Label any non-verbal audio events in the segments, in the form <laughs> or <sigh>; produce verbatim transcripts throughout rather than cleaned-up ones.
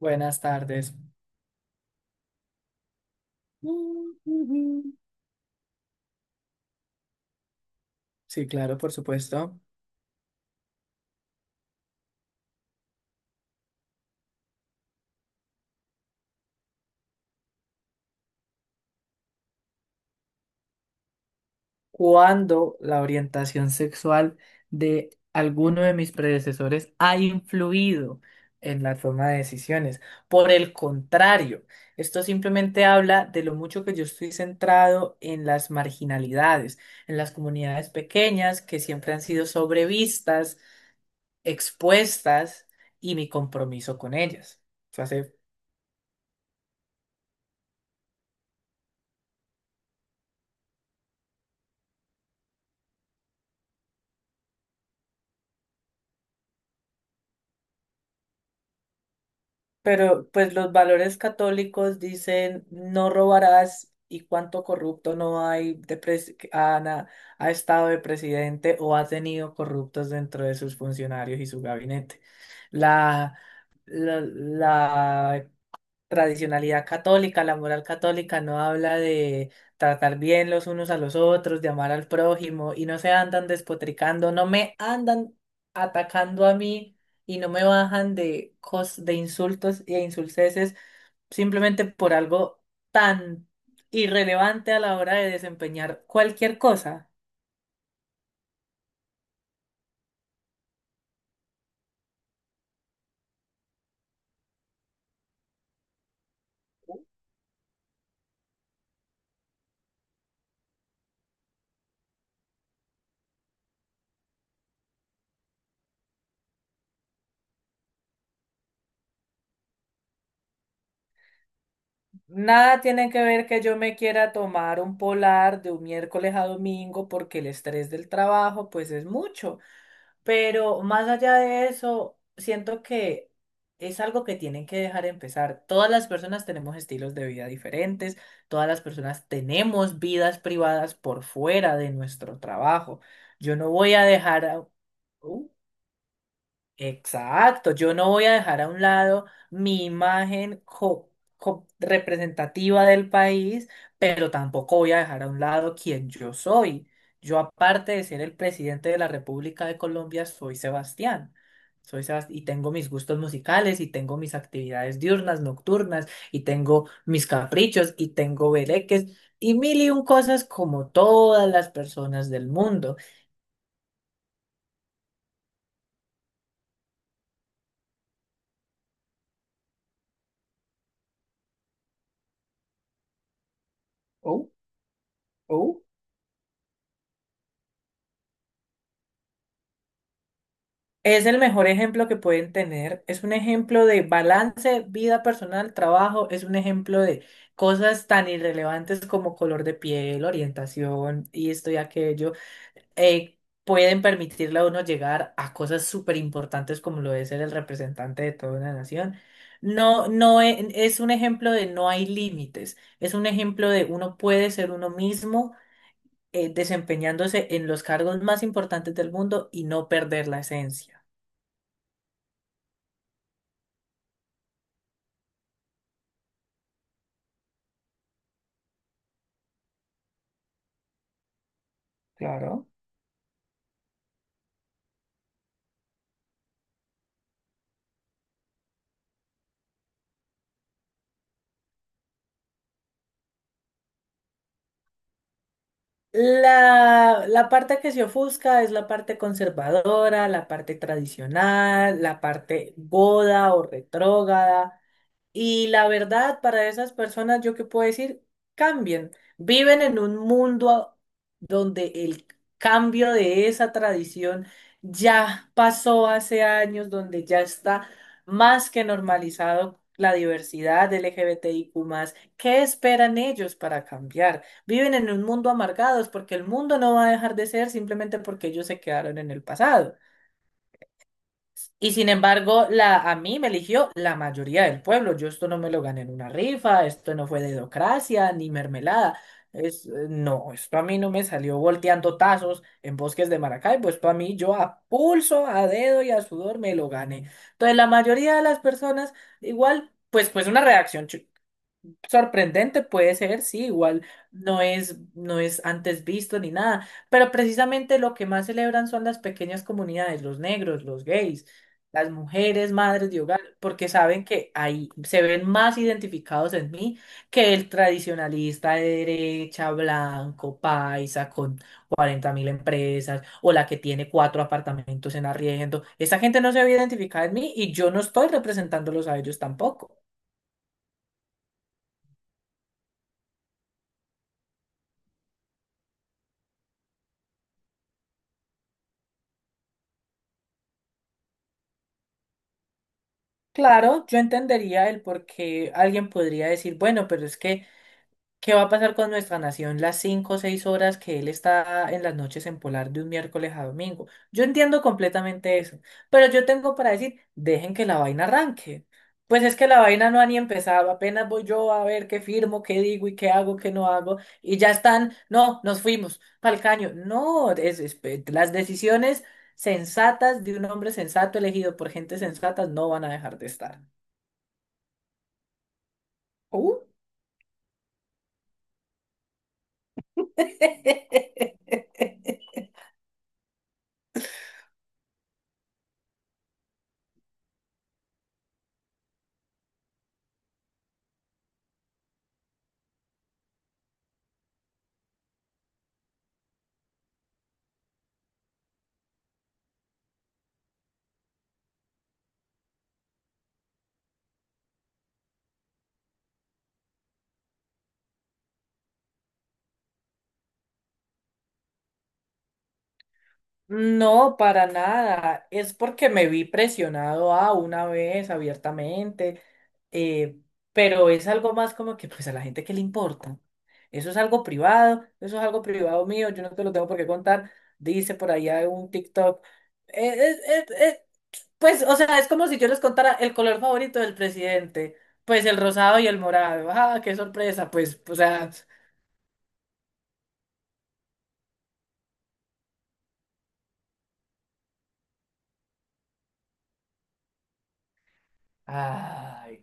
Buenas tardes. Sí, claro, por supuesto. Cuando la orientación sexual de alguno de mis predecesores ha influido en la toma de decisiones. Por el contrario, esto simplemente habla de lo mucho que yo estoy centrado en las marginalidades, en las comunidades pequeñas que siempre han sido sobrevistas, expuestas y mi compromiso con ellas. Eso hace. Pero pues los valores católicos dicen no robarás, y cuánto corrupto no hay de pres- que han, ah, ha estado de presidente o ha tenido corruptos dentro de sus funcionarios y su gabinete. La, la, la tradicionalidad católica, la moral católica no habla de tratar bien los unos a los otros, de amar al prójimo, y no se andan despotricando, no me andan atacando a mí y no me bajan de cos de insultos e insulceses simplemente por algo tan irrelevante a la hora de desempeñar cualquier cosa. Nada tiene que ver que yo me quiera tomar un polar de un miércoles a domingo porque el estrés del trabajo pues es mucho. Pero más allá de eso, siento que es algo que tienen que dejar empezar. Todas las personas tenemos estilos de vida diferentes, todas las personas tenemos vidas privadas por fuera de nuestro trabajo. Yo no voy a dejar a... uh, Exacto, yo no voy a dejar a un lado mi imagen co- co- representativa del país, pero tampoco voy a dejar a un lado quien yo soy. Yo, aparte de ser el presidente de la República de Colombia, soy Sebastián. Soy Sebas- y tengo mis gustos musicales, y tengo mis actividades diurnas, nocturnas, y tengo mis caprichos, y tengo bereques, y mil y un cosas como todas las personas del mundo. Oh, oh. Es el mejor ejemplo que pueden tener. Es un ejemplo de balance, vida personal, trabajo. Es un ejemplo de cosas tan irrelevantes como color de piel, orientación y esto y aquello. eh, Pueden permitirle a uno llegar a cosas súper importantes como lo es ser el representante de toda una nación. No, no e- es, un ejemplo de no hay límites. Es un ejemplo de uno puede ser uno mismo, eh, desempeñándose en los cargos más importantes del mundo y no perder la esencia. Claro. La, la parte que se ofusca es la parte conservadora, la parte tradicional, la parte goda o retrógrada, y la verdad, para esas personas, yo qué puedo decir, cambien. Viven en un mundo donde el cambio de esa tradición ya pasó hace años, donde ya está más que normalizado la diversidad L G B T I Q más. ¿Qué esperan ellos para cambiar? Viven en un mundo amargados porque el mundo no va a dejar de ser simplemente porque ellos se quedaron en el pasado. Y sin embargo, la, a mí me eligió la mayoría del pueblo. Yo esto no me lo gané en una rifa, esto no fue dedocracia ni mermelada. Es, eh, no, esto a mí no me salió volteando tazos en bosques de Maracaibo. Esto a mí, yo a pulso, a dedo y a sudor me lo gané. Entonces, la mayoría de las personas, igual, pues, pues una reacción sorprendente puede ser, sí, igual no es, no es antes visto ni nada, pero precisamente lo que más celebran son las pequeñas comunidades, los negros, los gays, las mujeres, madres de hogar, porque saben que ahí se ven más identificados en mí que el tradicionalista de derecha, blanco, paisa, con cuarenta mil empresas, o la que tiene cuatro apartamentos en arriendo. Esa gente no se ve identificada en mí y yo no estoy representándolos a ellos tampoco. Claro, yo entendería el por qué alguien podría decir, bueno, pero es que, ¿qué va a pasar con nuestra nación las cinco o seis horas que él está en las noches en Polar de un miércoles a domingo? Yo entiendo completamente eso, pero yo tengo para decir, dejen que la vaina arranque. Pues es que la vaina no ha ni empezado, apenas voy yo a ver qué firmo, qué digo y qué hago, qué no hago, y ya están, no, nos fuimos pa'l caño. No, es, es- eh, las decisiones sensatas de un hombre sensato elegido por gente sensata no van a dejar de estar. Uh. <laughs> No, para nada. Es porque me vi presionado a una vez abiertamente, eh, pero es algo más como que pues a la gente que le importa. Eso es algo privado, eso es algo privado mío, yo no te lo tengo por qué contar. Dice por allá un TikTok. eh, eh, eh, eh, pues, o sea, es como si yo les contara el color favorito del presidente, pues el rosado y el morado. Ah, qué sorpresa, pues, o sea, ay,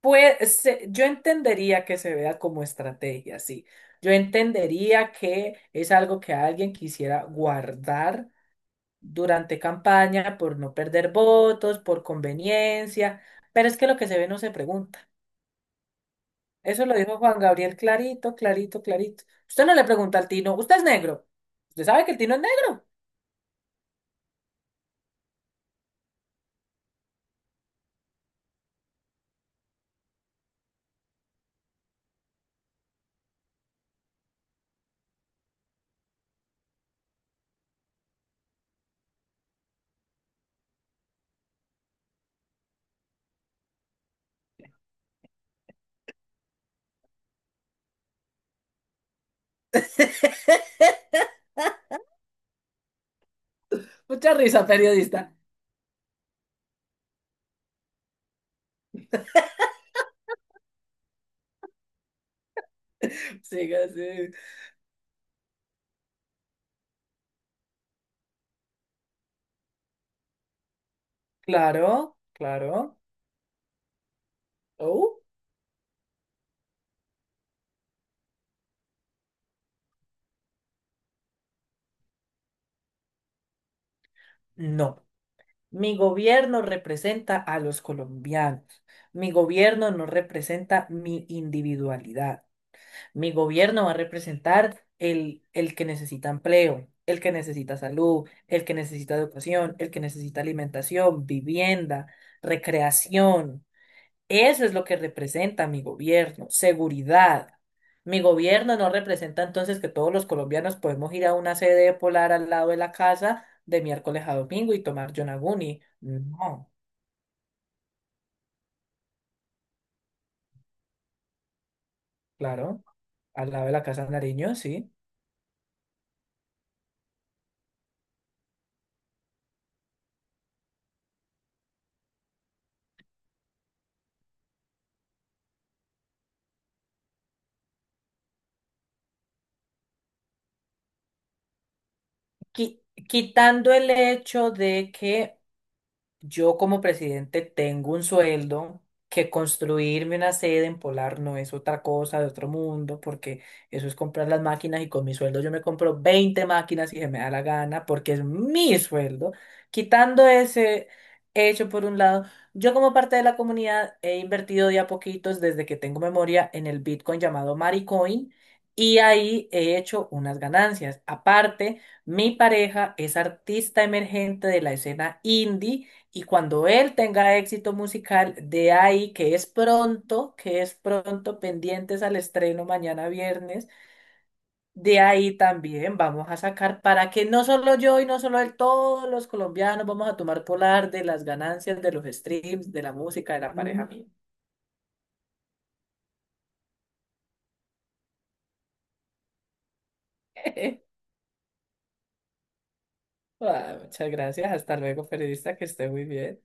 Pues se- yo entendería que se vea como estrategia, sí. Yo entendería que es algo que alguien quisiera guardar durante campaña por no perder votos, por conveniencia, pero es que lo que se ve no se pregunta. Eso lo dijo Juan Gabriel, clarito, clarito, clarito. Usted no le pregunta al Tino, ¿usted es negro? ¿Usted sabe que el Tino es negro? Mucha risa, periodista. <laughs> Siga así. Claro, claro. Oh, no. Mi gobierno representa a los colombianos. Mi gobierno no representa mi individualidad. Mi gobierno va a representar el, el que necesita empleo, el que necesita salud, el que necesita educación, el que necesita alimentación, vivienda, recreación. Eso es lo que representa mi gobierno, seguridad. Mi gobierno no representa entonces que todos los colombianos podemos ir a una sede polar al lado de la casa de miércoles a domingo y tomar Yonaguni. No, claro, al lado de la Casa de Nariño, sí. Qui- quitando el hecho de que yo como presidente tengo un sueldo, que construirme una sede en Polar no es otra cosa de otro mundo, porque eso es comprar las máquinas, y con mi sueldo yo me compro veinte máquinas si se me da la gana, porque es mi sueldo. Quitando ese hecho por un lado, yo como parte de la comunidad he invertido de a poquitos desde que tengo memoria en el Bitcoin llamado Maricoin, y ahí he hecho unas ganancias. Aparte, mi pareja es artista emergente de la escena indie, y cuando él tenga éxito musical, de ahí, que es pronto, que es pronto, pendientes al estreno mañana viernes, de ahí también vamos a sacar para que no solo yo y no solo él, todos los colombianos vamos a tomar polar de las ganancias de los streams, de la música, de la pareja mía. <laughs> Ah, muchas gracias, hasta luego, periodista, que esté muy bien.